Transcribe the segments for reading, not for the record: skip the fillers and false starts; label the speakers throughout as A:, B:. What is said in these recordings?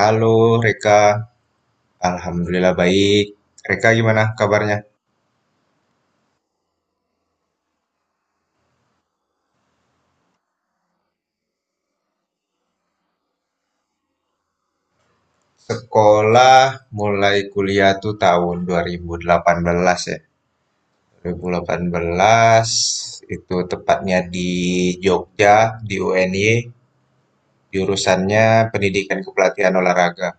A: Halo Reka, alhamdulillah baik. Reka gimana kabarnya? Sekolah mulai kuliah tuh tahun 2018 ya. 2018 itu tepatnya di Jogja, di UNY, jurusannya Pendidikan Kepelatihan Olahraga.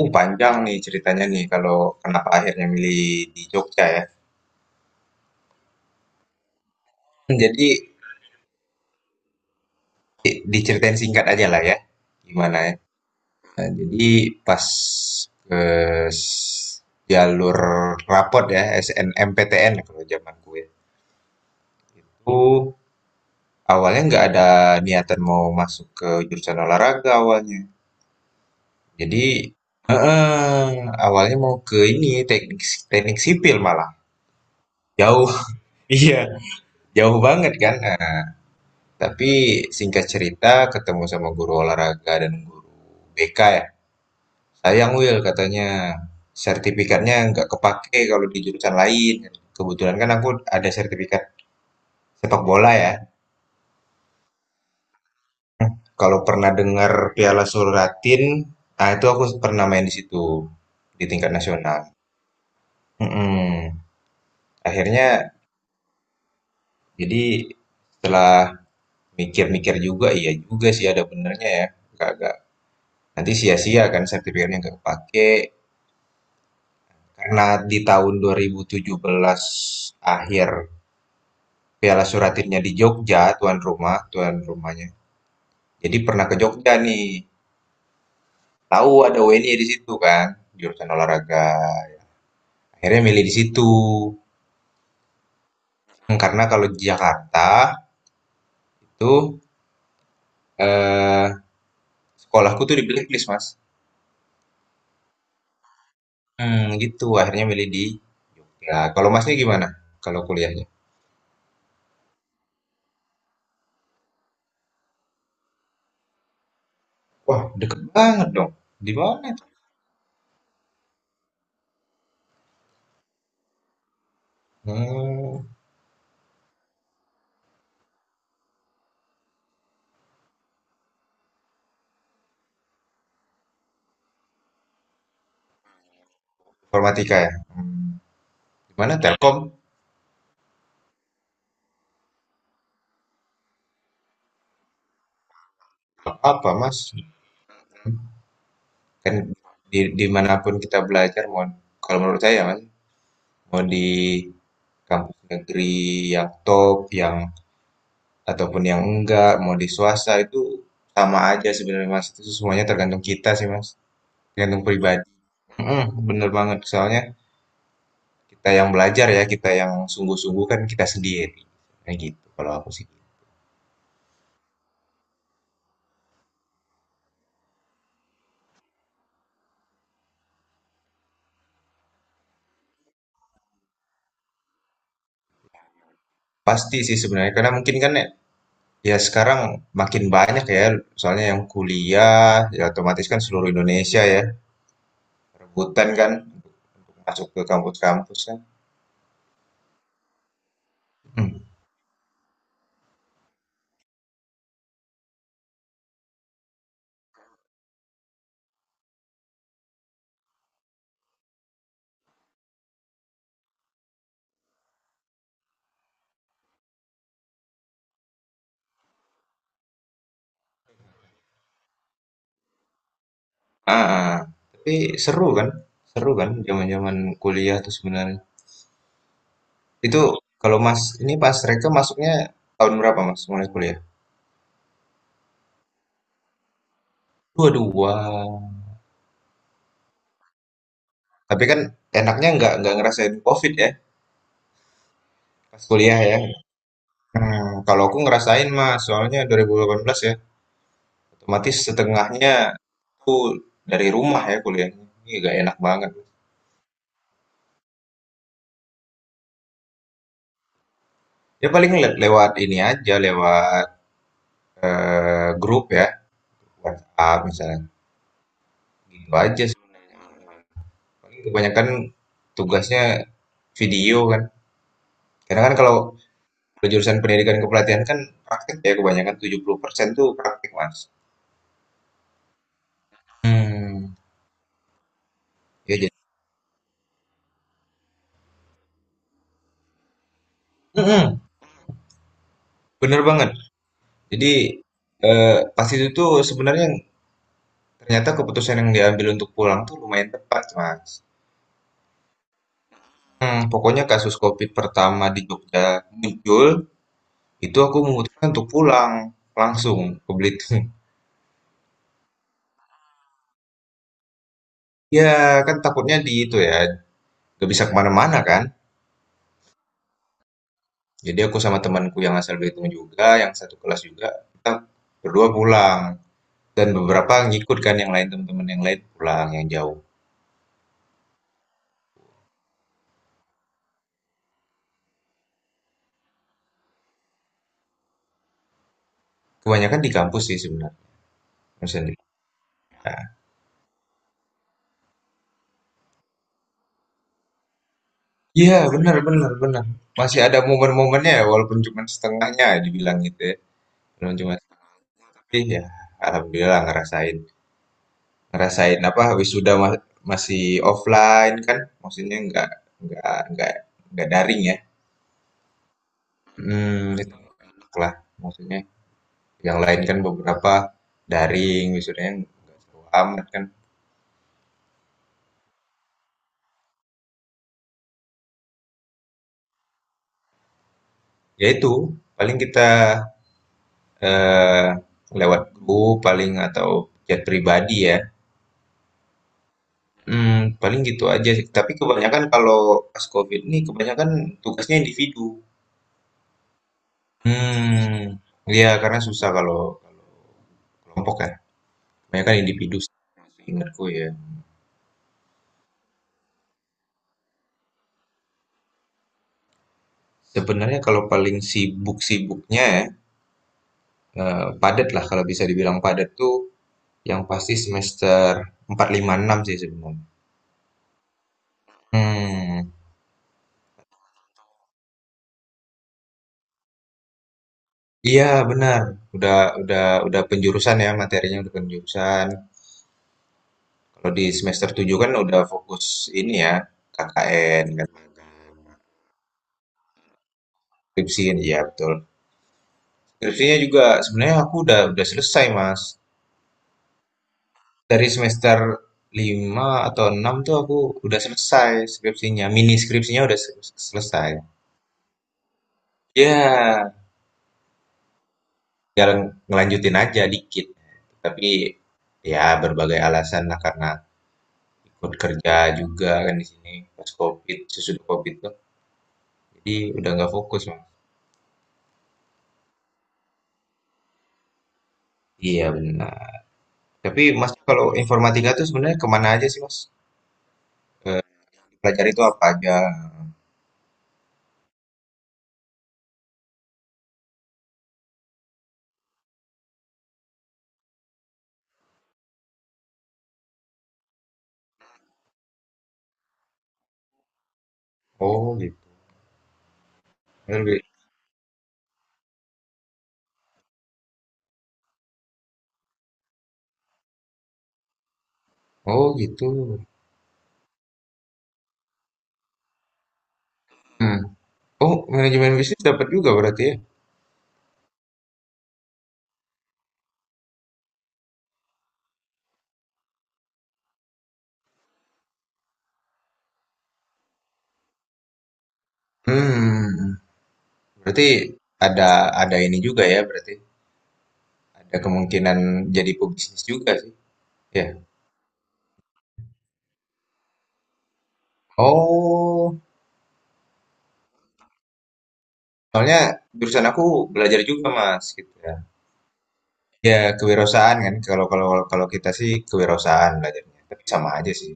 A: Panjang nih ceritanya nih kalau kenapa akhirnya milih di Jogja ya. Jadi diceritain singkat aja lah ya. Gimana ya. Nah, jadi pas ke s- jalur rapot ya, SNMPTN kalau zaman gue itu awalnya nggak ada niatan mau masuk ke jurusan olahraga awalnya. Jadi heeh, awalnya mau ke ini teknik teknik sipil malah jauh. Iya, jauh banget kan. Nah, tapi singkat cerita ketemu sama guru olahraga dan guru BK ya. Sayang Will katanya, sertifikatnya nggak kepake kalau di jurusan lain. Kebetulan kan aku ada sertifikat sepak bola ya. Kalau pernah dengar Piala Suratin, ah itu aku pernah main di situ di tingkat nasional. Mm-mm. Akhirnya jadi setelah mikir-mikir juga, iya juga sih ada benernya ya. Nggak- nggak- Nanti sia-sia kan sertifikatnya nggak kepake. Karena di tahun 2017 akhir, Piala Suratinnya di Jogja, tuan rumahnya. Jadi pernah ke Jogja nih, tahu ada UNY di situ kan, jurusan olahraga. Akhirnya milih di situ. Hmm, karena kalau di Jakarta itu eh, sekolahku tuh di blacklist, Mas. Hmm, gitu. Akhirnya milih di. Nah kalau Masnya gimana? Kalau kuliahnya? Wah, deket banget dong. Di mana tuh? Hmm, informatika ya. Hmm, di mana? Telkom? Apa, Mas? Kan di dimanapun kita belajar, mau kalau menurut saya kan, mau di kampus negeri yang top, yang ataupun yang enggak, mau di swasta itu sama aja sebenarnya, Mas. Itu semuanya tergantung kita sih, Mas. Tergantung pribadi. Mhm, bener banget. Soalnya kita yang belajar ya, kita yang sungguh-sungguh kan kita sendiri. Kayak gitu kalau aku sih. Pasti sih sebenarnya karena mungkin kan ya, ya sekarang makin banyak ya soalnya yang kuliah ya, otomatis kan seluruh Indonesia ya rebutan kan masuk ke kampus-kampus kan. Hmm. Ah, ah, tapi seru kan? Seru kan zaman-zaman kuliah tuh sebenarnya. Itu kalau Mas ini pas Reka masuknya tahun berapa Mas mulai kuliah? Dua-dua. Tapi kan enaknya nggak ngerasain COVID ya pas kuliah ya. Hmm, kalau aku ngerasain Mas, soalnya 2018 ya, otomatis setengahnya aku dari rumah ya kuliahnya. Ini nggak enak banget. Ya paling lewat ini aja, lewat grup ya, WhatsApp misalnya. Gitu aja sih. Paling kebanyakan tugasnya video kan. Karena kan kalau kalau jurusan pendidikan kepelatihan kan praktik ya, kebanyakan 70% tuh praktik, Mas. Hmm. Ya, jadi mm-mm, bener banget. Jadi pas itu tuh sebenarnya ternyata keputusan yang diambil untuk pulang tuh lumayan tepat, Mas. Hmm, pokoknya kasus COVID pertama di Jogja muncul, itu aku memutuskan untuk pulang langsung ke Belitung. Ya, kan takutnya di itu ya, gak bisa kemana-mana kan. Jadi aku sama temanku yang asal Belitung juga, yang satu kelas juga, kita berdua pulang. Dan beberapa ngikut kan yang lain, teman-teman yang lain pulang yang jauh. Kebanyakan di kampus sih sebenarnya. Dosen. Iya, benar, benar, benar. Masih ada momen-momennya ya, walaupun cuma setengahnya ya dibilang gitu ya. Belum cuma tapi ya alhamdulillah ngerasain. Ngerasain apa habis sudah masih offline kan, maksudnya nggak nggak nggak nggak daring ya. Hmm, itu enak lah. Maksudnya yang lain kan beberapa daring, wisudanya nggak seru amat kan. Ya itu, paling kita eh, lewat grup paling atau chat pribadi ya. Hmm, paling gitu aja sih. Tapi kebanyakan kalau pas COVID ini kebanyakan tugasnya individu. Hmm, iya karena susah kalau kalau kelompok ya. Kebanyakan individu sih, seingatku ya. Sebenarnya kalau paling sibuk-sibuknya ya, padat lah kalau bisa dibilang padat tuh. Yang pasti semester 4 5 6 sih sebenarnya. Hmm, iya benar, udah udah penjurusan ya, materinya udah penjurusan. Kalau di semester 7 kan udah fokus ini ya, KKN kan, skripsi kan, iya betul. Skripsinya juga sebenarnya aku udah selesai, Mas. Dari semester 5 atau 6 tuh aku udah selesai skripsinya, mini skripsinya udah selesai. Ya. Ya ngelanjutin aja dikit. Tapi, ya berbagai alasan lah karena ikut kerja juga kan di sini pas COVID, sesudah COVID tuh. Jadi udah nggak fokus, Mas. Iya benar. Tapi Mas kalau informatika tuh sebenarnya kemana aja sih, Mas? Pelajari itu apa aja? Oh gitu. Oh gitu. Hmm. Oh, manajemen bisnis dapat juga berarti ya? Hmm. Berarti ada ada ini juga ya berarti. Ada kemungkinan jadi pebisnis juga sih. Ya. Oh, soalnya jurusan aku belajar juga Mas, gitu ya. Ya kewirausahaan kan, kalau kalau kalau kita sih kewirausahaan belajarnya, tapi sama aja sih.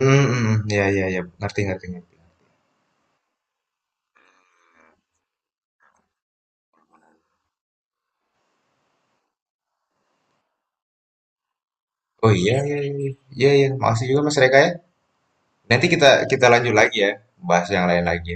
A: Hmm, hmm, ya ya ya, ngerti ngerti ngerti. Oh iya iya iya iya, iya. Iya. Makasih juga Mas Reka ya. Nanti kita kita lanjut lagi ya, bahas yang lain lagi.